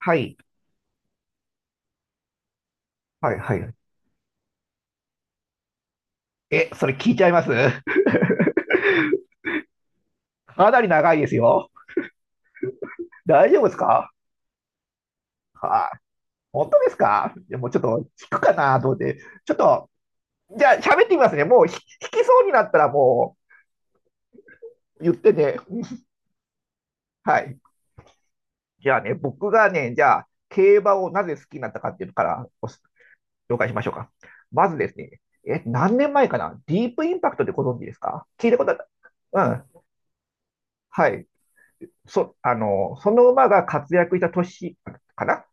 はい、はい、はい。それ聞いちゃいます。 かなり長いですよ。大丈夫ですか？はい。本当ですか？いやもうちょっと聞くかなと思って。ちょっと、じゃあ喋ってみますね。もう引きそうになったらもう言ってね。はい。じゃあね、僕がね、じゃあ競馬をなぜ好きになったかっていうのからお紹介しましょうか。まずですね、何年前かな、ディープインパクトでご存知ですか？聞いたことあった。うん。はい。その馬が活躍した年かな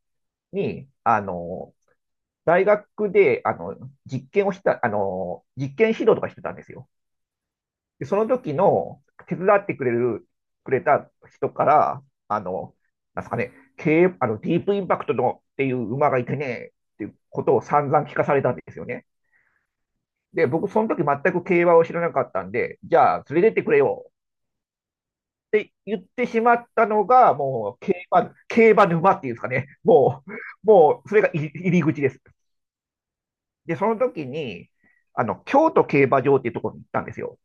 に、大学で、実験をした、実験指導とかしてたんですよ。で、その時の手伝ってくれる、くれた人から、なんすかね、経営あの、ディープインパクトのっていう馬がいてね、っていうことを散々聞かされたんですよね。で、僕、その時全く競馬を知らなかったんで、じゃあ、連れてってくれよって言ってしまったのが、もう競馬沼っていうんですかね。もう、それが入り口です。で、その時に、京都競馬場っていうところに行ったんですよ。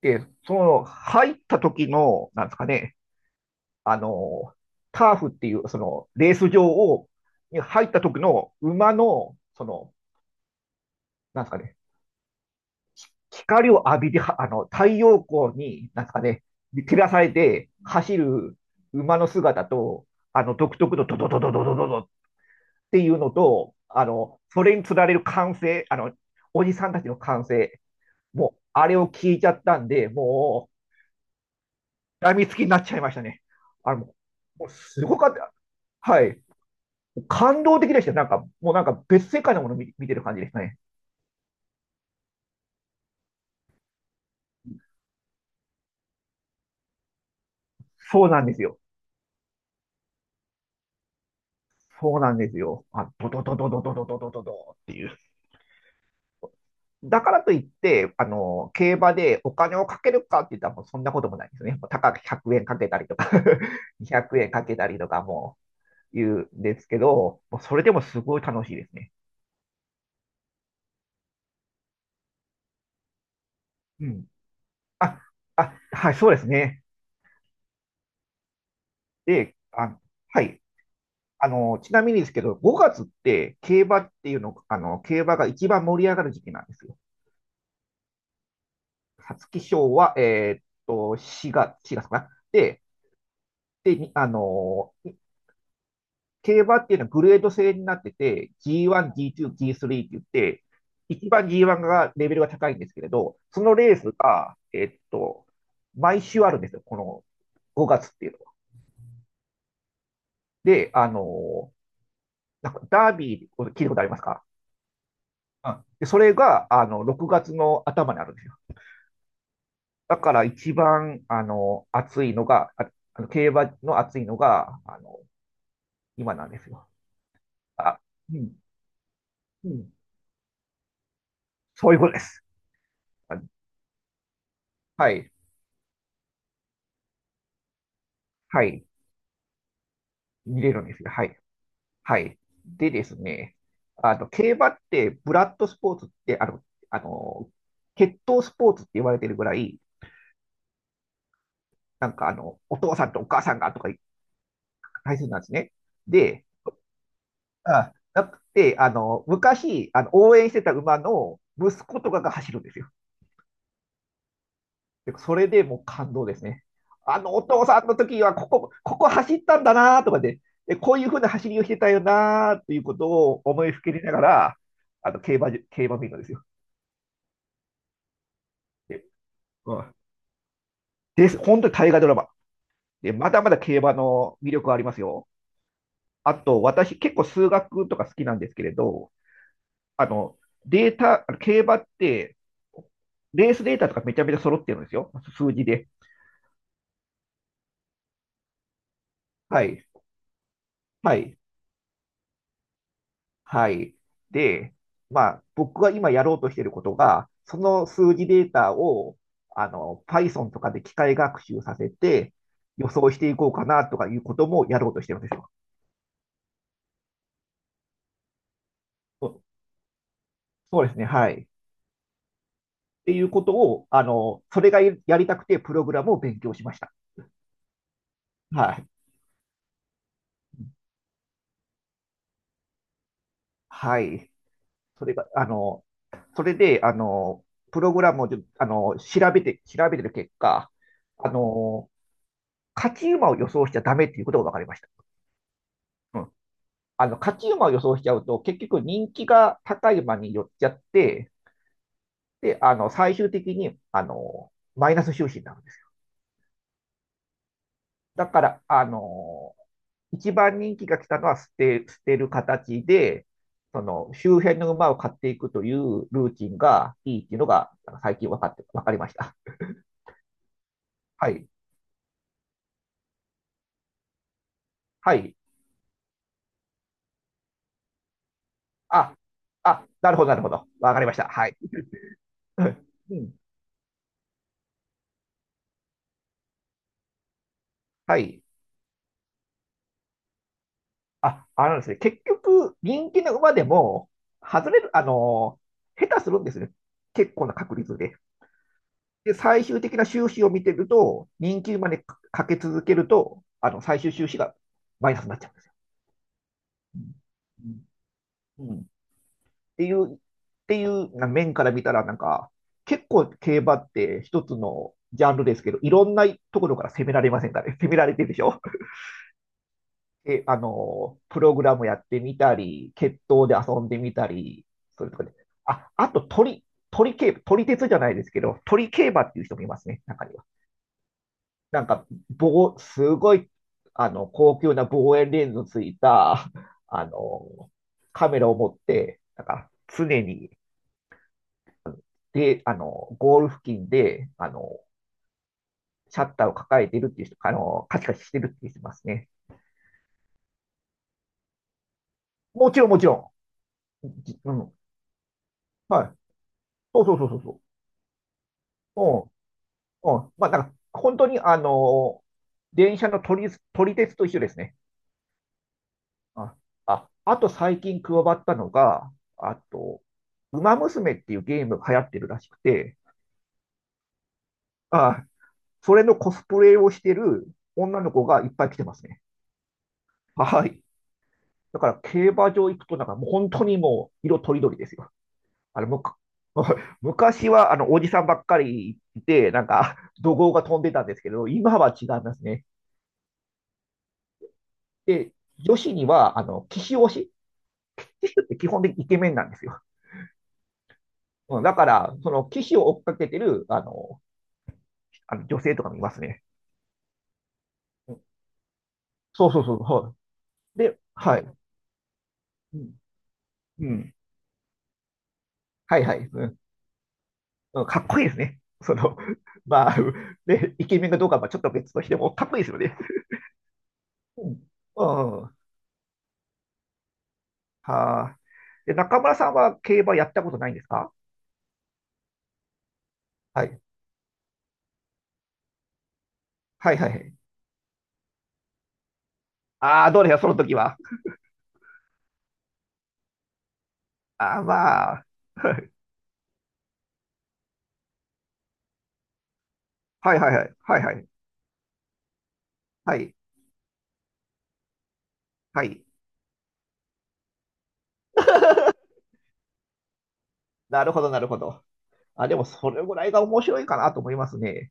で、その、入った時の、なんですかね、あの、ターフっていう、その、レース場を、に入った時の馬の、その、なんですかね、光を浴びて、はあの、太陽光に、なんですかね、照らされて走る馬の姿と、独特のドドドドドドドドっていうのと、それにつられる歓声、おじさんたちの歓声、もう、あれを聞いちゃったんで、もう、病みつきになっちゃいましたね。あの、もうすごかった。はい。感動的でした。なんか、もうなんか別世界のものを見てる感じですね。そうなんですよ。そうなんですよ。あ、ドドドドドドドドドドドっていう。だからといって、競馬でお金をかけるかって言ったらもうそんなこともないですね。もう高く100円かけたりとか、200円 かけたりとか、も言うんですけど、もうそれでもすごい楽しいですね。うん。あ、はい、そうですね。で、はい。ちなみにですけど、5月って競馬っていうの、競馬が一番盛り上がる時期なんですよ。皐月賞は、4月、月かな。で、にあの、競馬っていうのはグレード制になってて、G1、G2、G3 って言って、一番 G1 がレベルが高いんですけれど、そのレースが、毎週あるんですよ、この5月っていうのは。で、なんかダービー、聞いたことありますか？うん、でそれが6月の頭にあるんですよ。だから一番暑いのが、競馬の暑いのが今なんですよ。あうんうん、そういうことです。はい。はい。見れるんですよ。はい。はい。でですね、競馬って、ブラッドスポーツって、あの、血統スポーツって言われてるぐらい、なんかあの、お父さんとお母さんがとか大切なんですね。で、なくて、昔、応援してた馬の息子とかが走るんですよ。でそれでもう感動ですね。お父さんの時は、ここ走ったんだなとかで、こういうふうな走りをしてたよなということを思いふけりながら、競馬見るんですよ。で、うん。です。本当に大河ドラマ。で、まだまだ競馬の魅力はありますよ。あと、私、結構数学とか好きなんですけれど、あの、データ、あの競馬って、レースデータとかめちゃめちゃ揃ってるんですよ。数字で。はい。はい。はい。で、まあ、僕が今やろうとしていることが、その数字データを、Python とかで機械学習させて、予想していこうかなとかいうこともやろうとしてるんですよ。そうそうですね。はい。っていうことを、それがやりたくてプログラムを勉強しました。はい。はい。それが、それで、プログラムを、調べてる結果、あの、勝ち馬を予想しちゃダメっていうことが分かりました。うん。勝ち馬を予想しちゃうと、結局人気が高い馬に寄っちゃって、で、最終的に、マイナス収支になるんですよ。だから、一番人気が来たのは捨てる形で、その周辺の馬を買っていくというルーティンがいいっていうのが最近分かりました。はい。はい。あ、なるほど、なるほど。分かりました。はい。うん。はい。あのですね、結局、人気の馬でも、外れる、下手するんですね。結構な確率で。で、最終的な収支を見てると、人気馬にかけ続けると、最終収支がマイナスになっちゃう。うん。っていうな面から見たら、なんか、結構競馬って一つのジャンルですけど、いろんなところから攻められませんかね。攻められてるでしょ？ プログラムやってみたり、決闘で遊んでみたり、それとかね。あと鳥鉄じゃないですけど、鳥競馬っていう人もいますね、中に。なんか、棒、すごい、高級な望遠レンズのついた、あの、カメラを持って、なんか、常に、で、ゴール付近で、シャッターを抱えてるっていう人、カチカチしてるっていう人いますね。もちろん、もちろん。うん。はい。そうそうそうそうそう。うん。うん。まあ、なんか、本当に、電車の撮り鉄と一緒ですね。あ、あと最近加わったのが、あと、ウマ娘っていうゲームが流行ってるらしくて、あ、それのコスプレをしてる女の子がいっぱい来てますね。はい。だから競馬場行くとなんかもう本当にもう色とりどりですよ。あの、むか 昔はあのおじさんばっかりいて、なんか怒号が飛んでたんですけど、今は違いますね。で、女子にはあの騎手推し、騎手って基本的にイケメンなんですよ。うん、だから、その騎手を追っかけてるあの女性とかもいますね。そうそうそう。はい。で、はい。うん。うん、はいはい。うん、うん、かっこいいですね。その、まあ、で、ね、イケメンかどうかはまあちょっと別としても、かっこいいですよね。うん。うん。はあ。で、中村さんは競馬やったことないんですか？はい。はいはいはい。ああ、どうでしょう、その時は。ああ、まあ。はいはいはい。はいはい。はい。はい。なるほど、なるほど。でも、それぐらいが面白いかなと思いますね。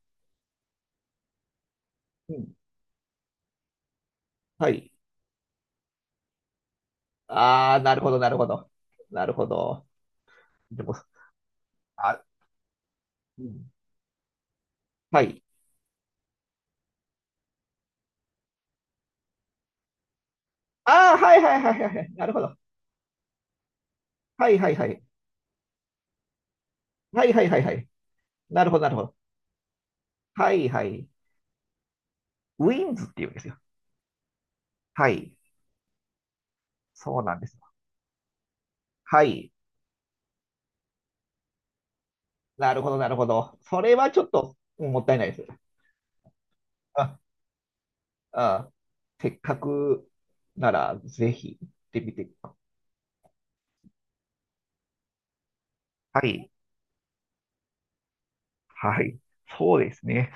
うん。はい。ああ、なるほど、なるほど。なるほど。でも、あ、うん。はい。ああ、はいはいはいはいはい。なるほど。はいはいはい。はいはいはいはい。なるほど、なるほど。はいはい。ウィンズっていうんですよ。はい。そうなんです。はい。なるほど、なるほど。それはちょっとうん、もったいないです。あ、あ、せっかくならぜひ行ってみて。はい。はい。そうですね。